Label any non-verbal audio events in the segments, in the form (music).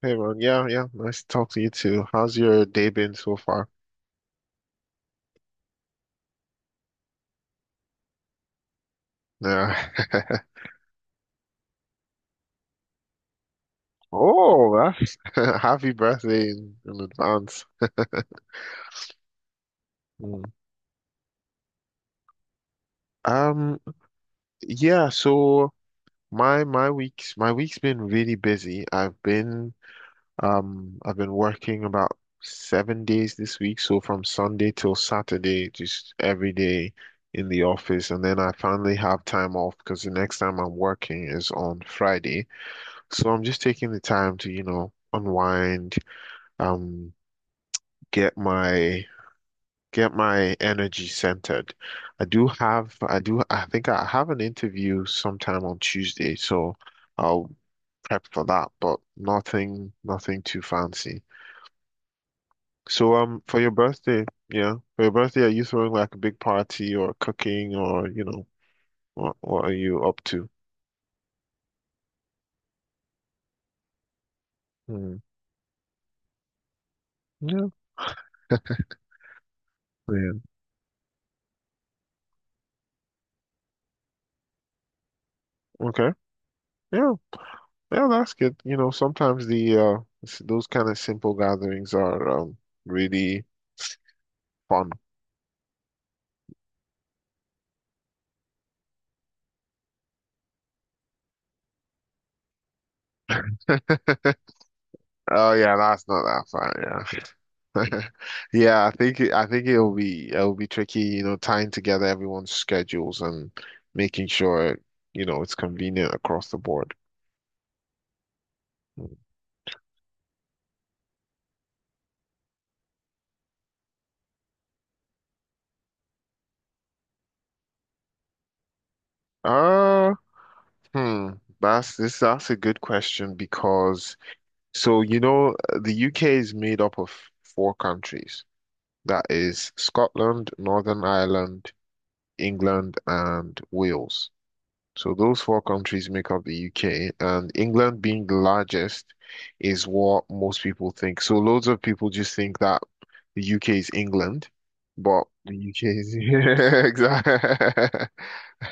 Hey Ron, yeah, yeah, nice to talk to you too. How's your day been so far? Yeah. (laughs) Oh, that's (laughs) happy birthday in advance. (laughs) Mm. Um, yeah, so my week's been really busy. I've been working about 7 days this week, so from Sunday till Saturday, just every day in the office, and then I finally have time off because the next time I'm working is on Friday. So I'm just taking the time to, you know, unwind, um, get my get my energy centered. I do have I do I think I have an interview sometime on Tuesday, so I'll prep for that, but nothing too fancy. So for your birthday, yeah, for your birthday, are you throwing like a big party or cooking or, you know, what are you up to? Hmm. Yeah. Yeah. Okay. Yeah. Yeah, that's good. You know, sometimes the those kind of simple gatherings are really fun. (laughs) Oh yeah, that's not that fun. Yeah, (laughs) yeah. I think it'll be tricky. You know, tying together everyone's schedules and making sure you know it's convenient across the board. Uh, hmm. That's this. That's a good question because so you know the UK is made up of four countries. That is Scotland, Northern Ireland, England, and Wales. So those four countries make up the UK, and England being the largest is what most people think. So loads of people just think that the UK is England, but the UK is (laughs) yeah, exactly.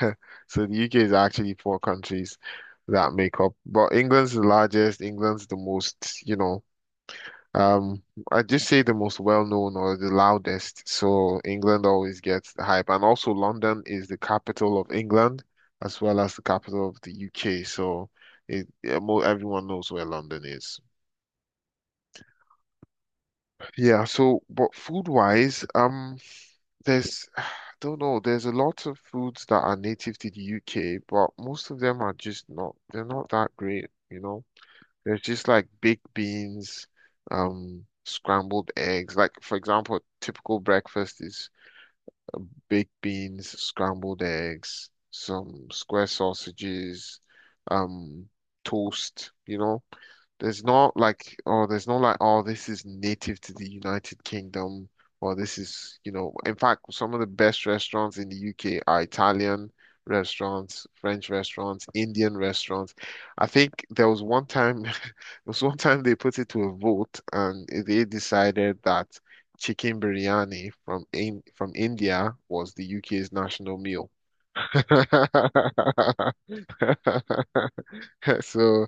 (laughs) So the UK is actually four countries that make up, but England's the largest, England's the most, you know, um, I just say the most well-known or the loudest, so England always gets the hype. And also London is the capital of England as well as the capital of the UK, so yeah, mo everyone knows where London is. Yeah, so but food-wise, there's (sighs) I don't know, there's a lot of foods that are native to the UK, but most of them are just not, they're not that great, you know. There's just like baked beans, scrambled eggs. Like for example, typical breakfast is baked beans, scrambled eggs, some square sausages, um, toast, you know. There's not like, oh, there's not like, oh, this is native to the United Kingdom, or this is, you know, in fact, some of the best restaurants in the UK are Italian restaurants, French restaurants, Indian restaurants. I think there was one time, (laughs) there was one time they put it to a vote, and they decided that chicken biryani from India was the UK's national meal. (laughs) (laughs) So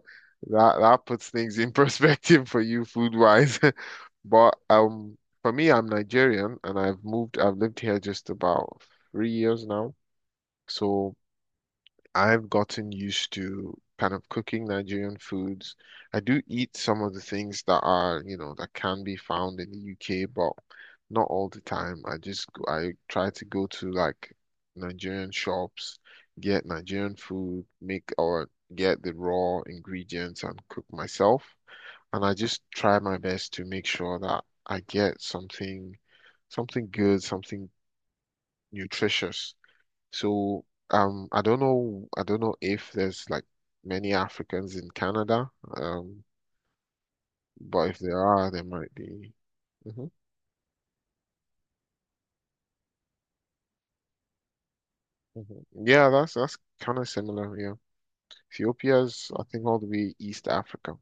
that puts things in (laughs) perspective for you food wise. (laughs) But for me, I'm Nigerian and I've lived here just about 3 years now. So I've gotten used to kind of cooking Nigerian foods. I do eat some of the things that are, you know, that can be found in the UK, but not all the time. I try to go to like Nigerian shops, get Nigerian food, make or get the raw ingredients and cook myself. And I just try my best to make sure that I get something good, something nutritious so I don't know. I don't know if there's like many Africans in Canada. Um, but if there are, there might be. Hmm. Hmm. Yeah, that's kind of similar. Yeah, Ethiopia's I think all the way East Africa.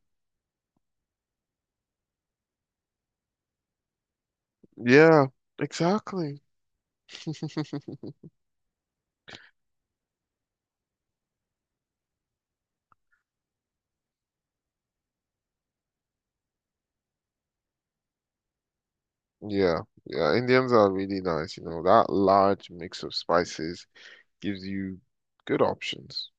Yeah, exactly. (laughs) Yeah, yeah. Indians are really nice. You know, that large mix of spices gives you good options.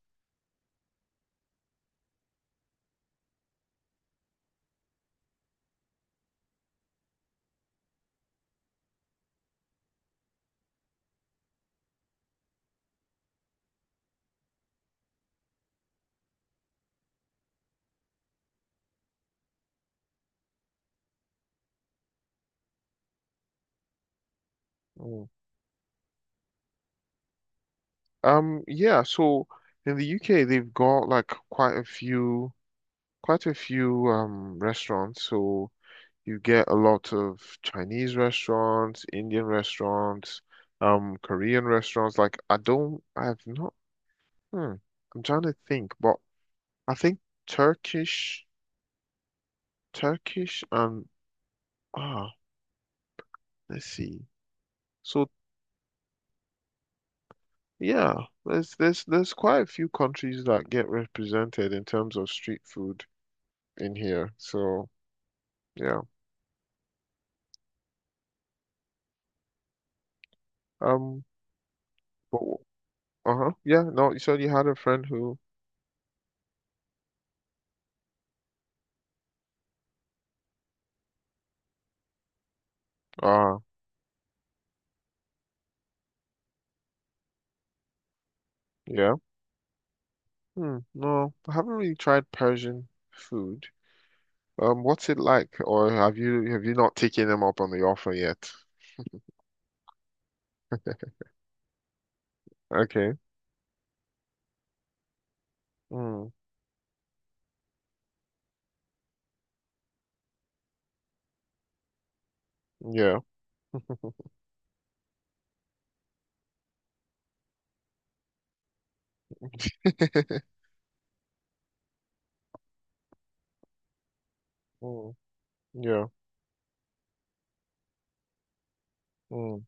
Mm. Yeah. So in the UK, they've got like quite a few restaurants. So you get a lot of Chinese restaurants, Indian restaurants, Korean restaurants. I have not. Hmm, I'm trying to think, but I think Turkish, Turkish, and ah, let's see. So yeah, there's quite a few countries that get represented in terms of street food in here. So yeah, um, but, uh-huh, yeah. No, you said you had a friend who, ah, yeah. Hmm. No, I haven't really tried Persian food. What's it like? Or have you not taken them up on the offer yet? Okay. Mm. Yeah. Mm. Yeah. Mm.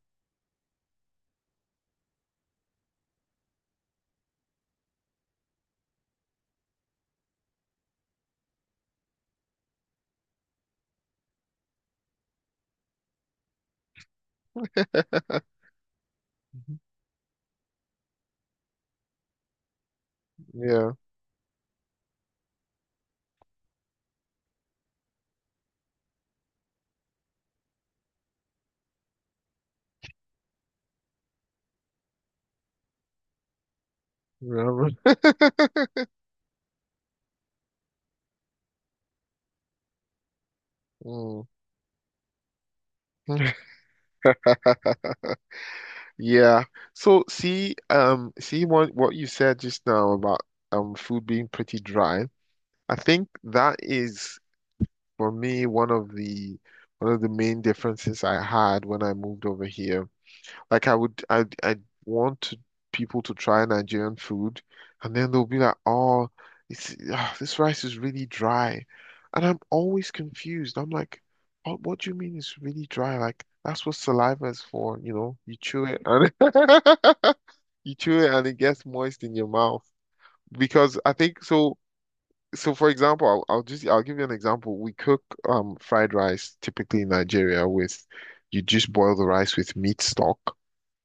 (laughs) Yeah. Yeah. (laughs) Mm. (laughs) Yeah. So see, see what you said just now about food being pretty dry. I think that is for me one of the main differences I had when I moved over here. Like I would, I want to, people to try Nigerian food, and then they'll be like, "Oh, it's this rice is really dry," and I'm always confused. I'm like, oh, "What do you mean it's really dry? Like that's what saliva is for, you know? You chew it and (laughs) you chew it and it gets moist in your mouth." Because I think so. So for example, I'll give you an example. We cook fried rice typically in Nigeria with you just boil the rice with meat stock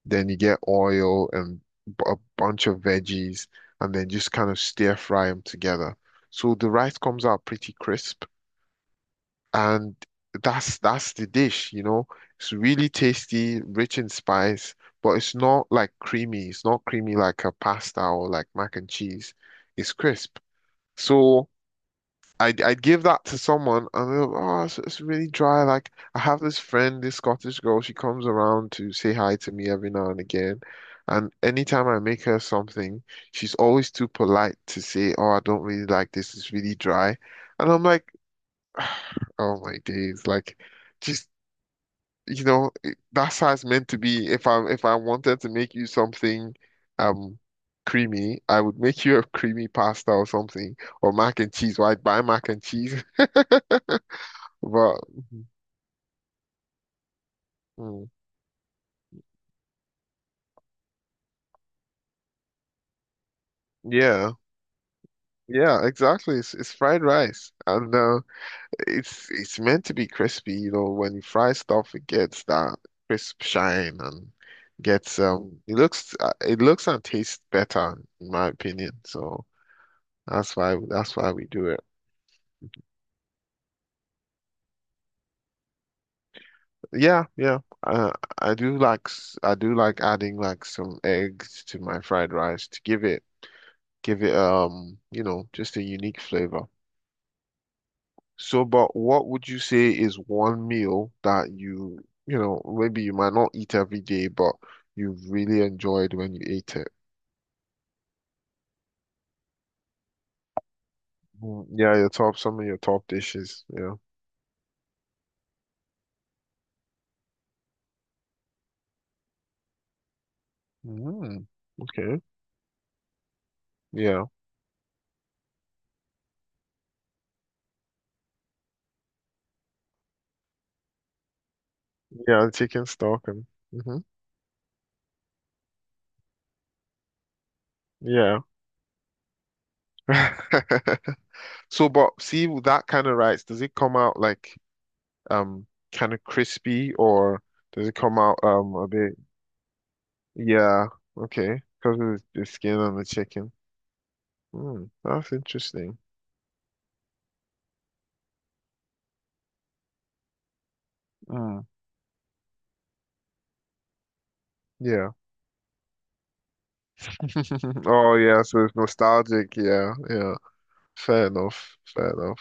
then you get oil and a bunch of veggies, and then just kind of stir fry them together. So the rice comes out pretty crisp, and that's the dish, you know. It's really tasty, rich in spice, but it's not like creamy. It's not creamy like a pasta or like mac and cheese. It's crisp. So I'd give that to someone and they're like, it's really dry. Like, I have this friend, this Scottish girl, she comes around to say hi to me every now and again. And anytime I make her something, she's always too polite to say, oh, I don't really like this. It's really dry. And I'm like, (sighs) oh my days. Like, just you know, that's how it's meant to be. If I wanted to make you something um creamy, I would make you a creamy pasta or something, or mac and cheese. Why buy mac and cheese? (laughs) But mm, yeah, yeah, exactly. It's fried rice, and it's meant to be crispy. You know, when you fry stuff, it gets that crisp shine and gets it looks and tastes better, in my opinion. So that's why we do it. Yeah, yeah. I do like adding like some eggs to my fried rice to give it you know, just a unique flavor. So, but what would you say is one meal that you know, maybe you might not eat every day, but you really enjoyed when you ate it? Mm, yeah, your top, some of your top dishes. Yeah. Mm, okay. Yeah. Yeah, chicken stock and hmm. Yeah. (laughs) So, but see with that kind of rice, does it come out like um kind of crispy or does it come out a bit? Yeah, okay, because of the skin on the chicken. Hmm, that's interesting. Mm, yeah. (laughs) Oh yeah, so it's nostalgic. Yeah, yeah. Fair enough. Fair enough.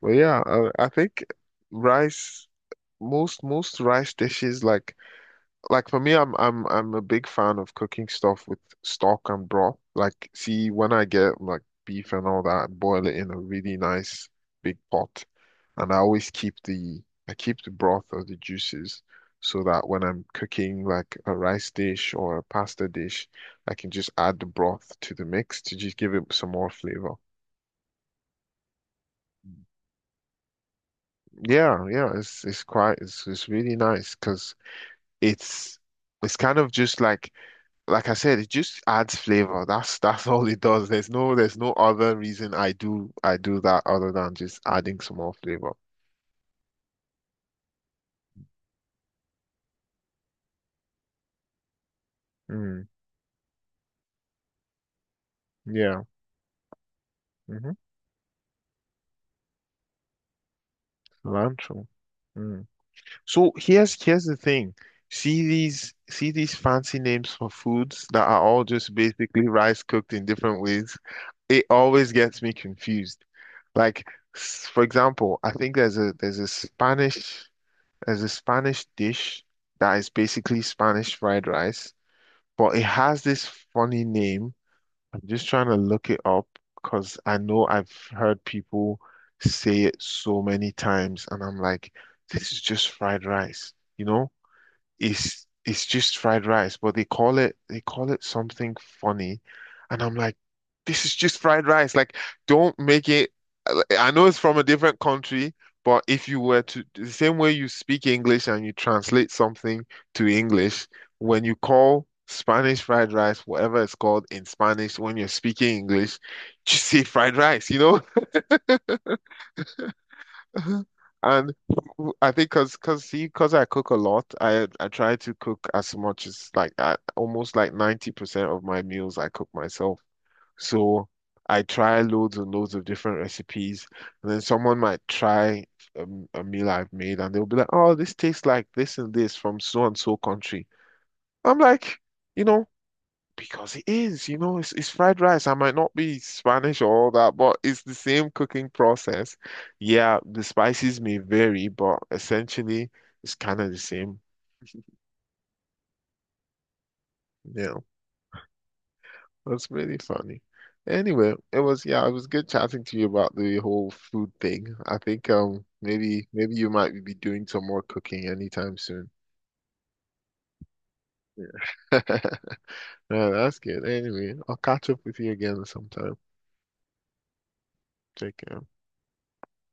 But yeah, I think rice. Most rice dishes like for me, I'm a big fan of cooking stuff with stock and broth. Like, see, when I get like beef and all that, I boil it in a really nice big pot, and I always keep the I keep the broth or the juices so that when I'm cooking like a rice dish or a pasta dish, I can just add the broth to the mix to just give it some more flavor. Yeah, yeah, it's really nice because it's it's kind of just like I said, it just adds flavor. That's all it does. There's no other reason I do that other than just adding some more flavor. Mm, yeah. Hmm. Cilantro. Mm. So here's the thing. See these fancy names for foods that are all just basically rice cooked in different ways. It always gets me confused. Like for example, I think there's a Spanish dish that is basically Spanish fried rice, but it has this funny name. I'm just trying to look it up because I know I've heard people say it so many times, and I'm like, this is just fried rice, you know? It's just fried rice, but they call it something funny, and I'm like, this is just fried rice. Like, don't make it. I know it's from a different country, but if you were to the same way you speak English and you translate something to English, when you call Spanish fried rice, whatever it's called in Spanish, when you're speaking English, just say fried rice, you know? And I think cause cause see, cause I cook a lot, I try to cook as much as like almost like 90% of my meals I cook myself. So I try loads and loads of different recipes. And then someone might try a, a meal I've made and they'll be like, oh, this tastes like this and this from so and so country. I'm like, you know, because it is, you know, it's fried rice. I might not be Spanish or all that, but it's the same cooking process. Yeah, the spices may vary, but essentially it's kind of the same. (laughs) Yeah, that's really funny. Anyway, it was yeah, it was good chatting to you about the whole food thing. I think maybe you might be doing some more cooking anytime soon. Yeah. (laughs) Yeah, that's good. Anyway, I'll catch up with you again sometime. Take care.